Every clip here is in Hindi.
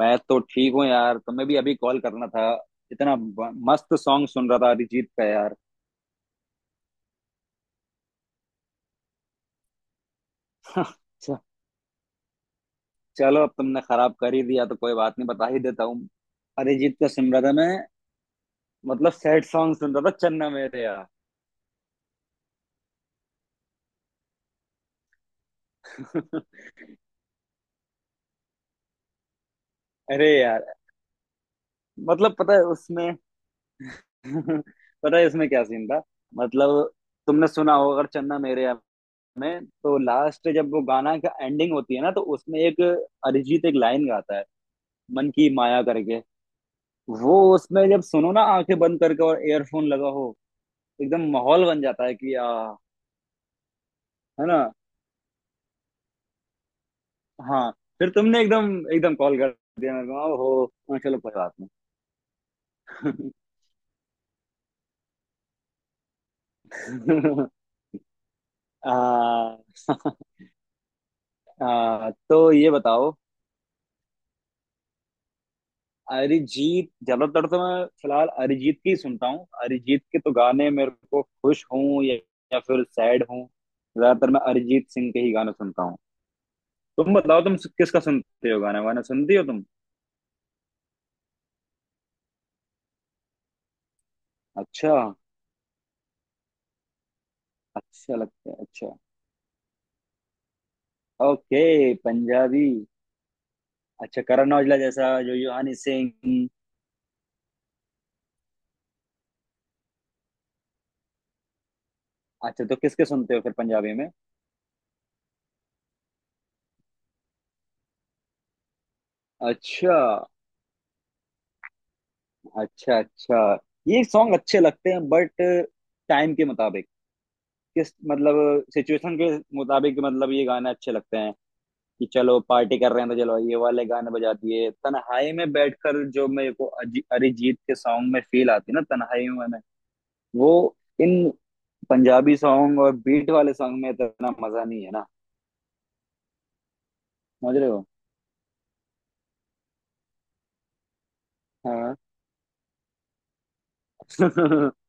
मैं तो ठीक हूँ यार, तुम्हें भी अभी कॉल करना था। इतना मस्त सॉन्ग सुन रहा था अरिजीत का यार। च- चलो, अब तुमने खराब कर ही दिया तो कोई बात नहीं, बता ही देता हूँ। अरिजीत का सुन रहा था मैं। मतलब सैड सॉन्ग सुन रहा था, चन्ना मेरे यार। अरे यार, मतलब पता है उसमें पता है इसमें क्या सीन था। मतलब तुमने सुना होगा अगर चन्ना मेरे यार में, तो लास्ट जब वो गाना का एंडिंग होती है ना, तो उसमें एक अरिजीत एक लाइन गाता है, मन की माया करके। वो उसमें जब सुनो ना आंखें बंद करके और एयरफोन लगा हो, एकदम माहौल बन जाता है कि आ, है ना। हाँ। फिर तुमने एकदम एकदम कॉल कर दिया मेरे को हो। हाँ, चलो कोई बात नहीं। आ, आ, तो ये बताओ। अरिजीत ज्यादातर तो मैं फिलहाल अरिजीत की सुनता हूँ। अरिजीत के तो गाने मेरे को खुश हूँ या फिर सैड हूँ, ज्यादातर मैं अरिजीत सिंह के ही गाने सुनता हूँ। तुम बताओ, तुम किसका सुनते हो, गाना वाना सुनती हो तुम। अच्छा, अच्छा लगता है, अच्छा। ओके, पंजाबी। अच्छा, करण औजला जैसा, जो यूहानी सिंह। अच्छा तो किसके सुनते हो फिर पंजाबी में। अच्छा, अच्छा, अच्छा। ये सॉन्ग अच्छे लगते हैं बट टाइम के मुताबिक, किस मतलब सिचुएशन के मुताबिक, मतलब ये गाने अच्छे लगते हैं कि चलो पार्टी कर रहे हैं तो चलो ये वाले गाने बजा दिए। तन्हाई में बैठकर जो मेरे को अरिजीत के सॉन्ग में फील आती है ना तन्हाई में, वो इन पंजाबी सॉन्ग और बीट वाले सॉन्ग में इतना मजा नहीं है ना। समझ रहे हो। हाँ।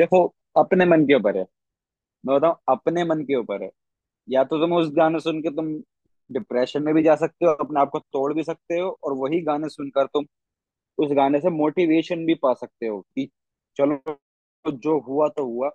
देखो, अपने मन के ऊपर है। मैं बताऊं, अपने मन के ऊपर है। या तो तुम उस गाने सुन के तुम डिप्रेशन में भी जा सकते हो, अपने आप को तोड़ भी सकते हो, और वही गाने सुनकर तुम उस गाने से मोटिवेशन भी पा सकते हो कि चलो, जो हुआ तो हुआ,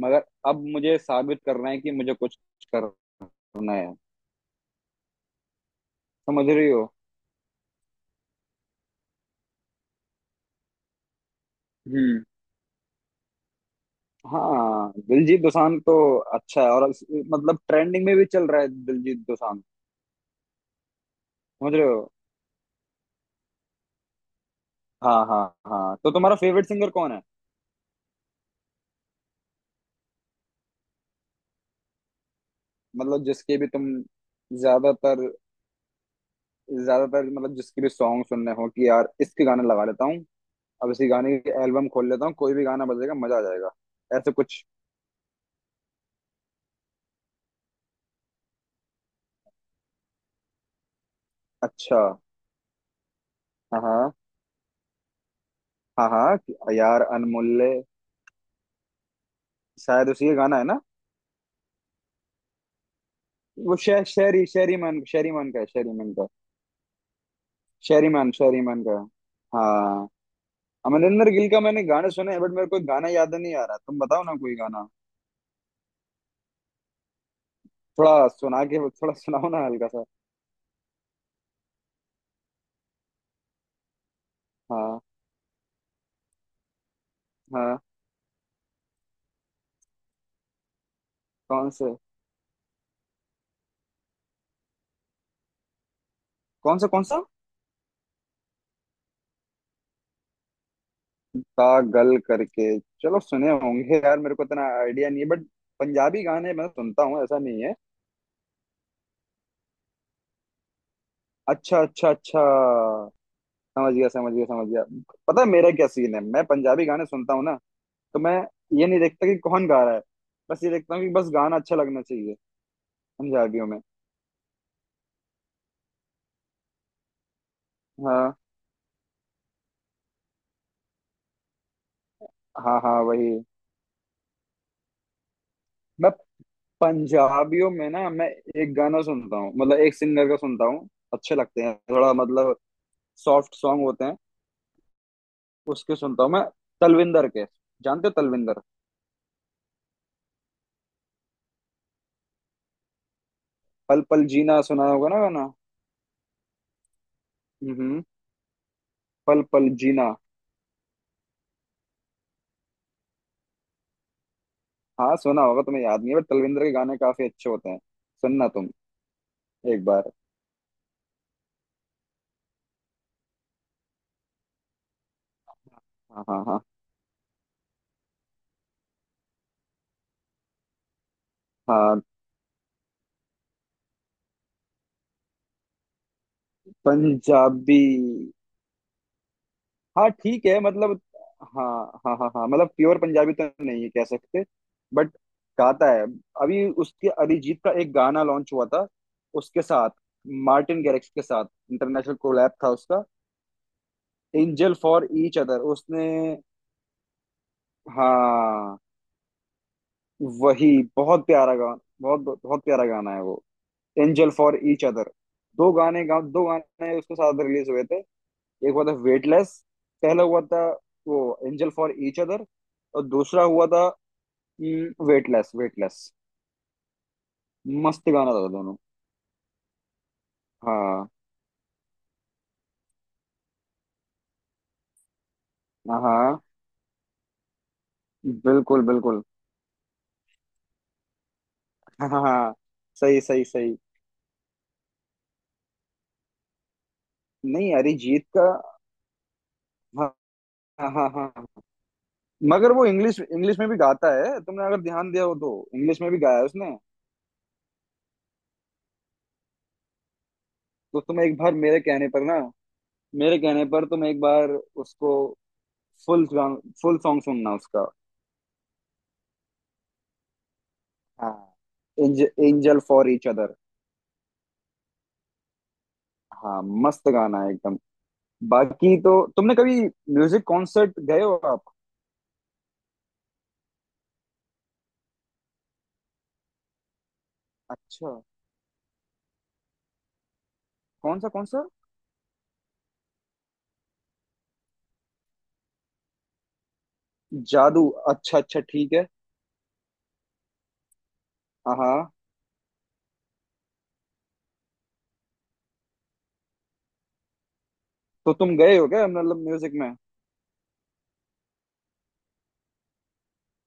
मगर अब मुझे साबित करना है कि मुझे कुछ करना है। समझ रही हो। हाँ। दिलजीत दोसांझ तो अच्छा है, और मतलब ट्रेंडिंग में भी चल रहा है दिलजीत दोसांझ। समझ रहे हो। हाँ, हाँ, हाँ, तो तुम्हारा फेवरेट सिंगर कौन है। मतलब जिसके भी तुम ज्यादातर, मतलब जिसके भी सॉन्ग सुनने हो कि यार इसके गाने लगा लेता हूँ, अब इसी गाने की एल्बम खोल लेता हूँ, कोई भी गाना बजेगा मजा आ जाएगा, ऐसे कुछ। अच्छा। हाँ, हाँ। हाँ हाँ यार अनमोल्ले, शायद उसी का गाना है ना। वो शहरी शहरी मान, शहरी मान का है, शहरी मान का। शहरी मान, शहरी मान का। हाँ। अमरिंदर गिल का मैंने गाने सुने हैं बट मेरे को गाना याद नहीं आ रहा, तुम बताओ ना कोई गाना, थोड़ा सुना के, थोड़ा सुनाओ ना हल्का सा। हाँ। हाँ। कौन से। कौन सा, कौन सा। पागल करके, चलो सुने होंगे यार, मेरे को इतना आइडिया नहीं है बट पंजाबी गाने मैं सुनता हूँ ऐसा नहीं है। अच्छा, अच्छा, अच्छा। समझ गया, समझ गया, समझ गया। पता है मेरा क्या सीन है, मैं पंजाबी गाने सुनता हूँ ना, तो मैं ये नहीं देखता कि कौन गा रहा है, बस ये देखता हूँ कि बस गाना अच्छा लगना चाहिए पंजाबियों में। हाँ, हाँ, हाँ, वही। मैं पंजाबियों में ना, मैं एक गाना सुनता हूँ, मतलब एक सिंगर का सुनता हूँ, अच्छे लगते हैं, थोड़ा मतलब सॉफ्ट सॉन्ग होते हैं, उसके सुनता हूँ मैं, तलविंदर के। जानते हो तलविंदर। पल पल जीना सुना होगा ना गाना। हम्म, पल पल जीना। हाँ सुना होगा तुम्हें, याद नहीं है बट तलविंदर के गाने काफी अच्छे होते हैं। सुनना तुम एक बार। हाँ, हाँ, हाँ, हाँ, पंजाबी। हाँ ठीक है, मतलब हाँ हाँ हाँ हाँ, मतलब प्योर पंजाबी तो नहीं है कह सकते, बट गाता है। अभी उसके अरिजीत का एक गाना लॉन्च हुआ था, उसके साथ, मार्टिन गैरिक्स के साथ, इंटरनेशनल कोलैब था उसका, एंजल फॉर ईच अदर उसने। हाँ, वही। बहुत प्यारा गाना, बहुत बहुत प्यारा गाना है वो, एंजल फॉर ईच अदर। दो गाने उसके साथ रिलीज हुए थे। एक हुआ था वेटलेस, पहला हुआ था वो, एंजल फॉर ईच अदर, और दूसरा हुआ था वेटलेस, वेटलेस। मस्त गाना था दोनों। हाँ। हाँ, बिल्कुल बिल्कुल। हाँ। सही, सही, सही। नहीं, अरिजीत का। हाँ, हाँ, हाँ, हाँ। मगर वो इंग्लिश, इंग्लिश में भी गाता है, तुमने अगर ध्यान दिया हो तो इंग्लिश में भी गाया है उसने। तो तुम एक बार मेरे कहने पर ना, मेरे कहने पर तुम एक बार उसको फुल फुल सॉन्ग सुनना उसका। हाँ। Angel for each other. हाँ। मस्त गाना है एकदम। बाकी तो तुमने कभी म्यूजिक कॉन्सर्ट गए हो आप। अच्छा। कौन सा, कौन सा, जादू। अच्छा, अच्छा, ठीक है। हाँ, हाँ। तो तुम गए हो क्या, मतलब म्यूजिक में।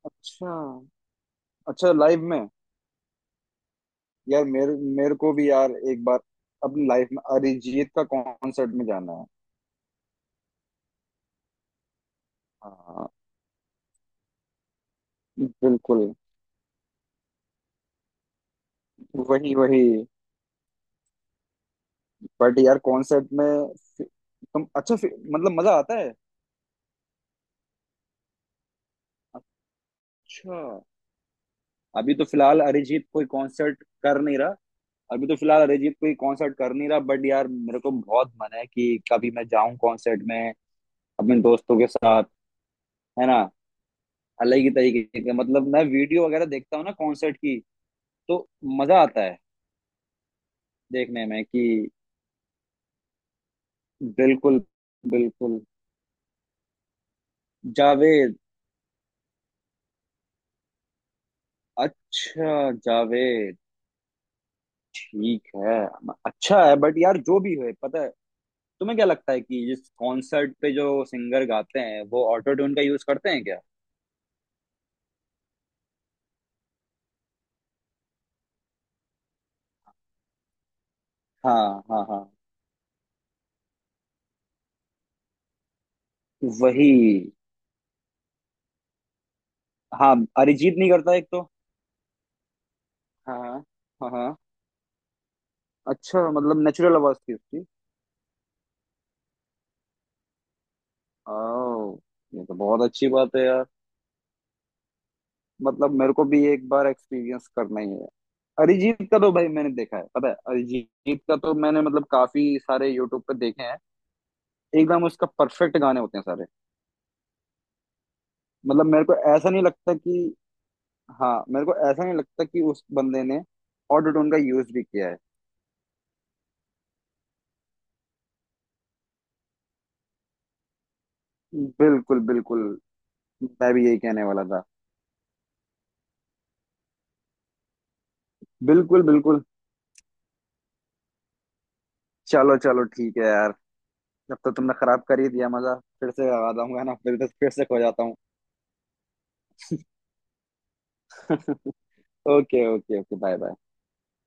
अच्छा, अच्छा, लाइव में। यार मेरे, मेरे को भी यार एक बार अपनी लाइफ में अरिजीत का कॉन्सर्ट में जाना है। हाँ, बिल्कुल। वही, वही। बट यार कॉन्सर्ट में, फि- तुम अच्छा मतलब मजा आता है। अच्छा। अभी तो फिलहाल अरिजीत कोई कॉन्सर्ट कर नहीं रहा। अभी तो फिलहाल अरिजीत कोई कॉन्सर्ट कर नहीं रहा, बट यार मेरे को बहुत मन है कि कभी मैं जाऊं कॉन्सर्ट में, अपने दोस्तों के साथ, है ना, अलग ही तरीके के, मतलब मैं वीडियो वगैरह देखता हूँ ना कॉन्सर्ट की, तो मजा आता है देखने में कि। बिल्कुल, बिल्कुल। जावेद, अच्छा जावेद, ठीक है। अच्छा है, बट यार जो भी है, पता है तुम्हें, क्या लगता है कि जिस कॉन्सर्ट पे जो सिंगर गाते हैं वो ऑटो ट्यून का यूज करते हैं क्या। हाँ, हाँ, हाँ, वही। हाँ, अरिजीत नहीं करता एक तो। हाँ, हाँ। हाँ, अच्छा, मतलब नेचुरल आवाज थी उसकी। आओ, ये तो बहुत अच्छी बात है यार। मतलब मेरे को भी एक बार एक्सपीरियंस करना ही है। अरिजीत का तो भाई मैंने देखा है, पता है, अरिजीत का तो मैंने मतलब काफी सारे यूट्यूब पे देखे हैं, एकदम उसका परफेक्ट गाने होते हैं सारे। मतलब मेरे को ऐसा नहीं लगता कि, हाँ मेरे को ऐसा नहीं लगता कि उस बंदे ने ऑटो ट्यून का यूज भी किया है। बिल्कुल, बिल्कुल। मैं भी यही कहने वाला था। बिल्कुल, बिल्कुल। चलो चलो, ठीक है यार। जब तो तुमने खराब कर ही दिया मजा, फिर से लगा दूंगा ना, फिर से खो जाता हूँ। Okay okay okay, bye bye.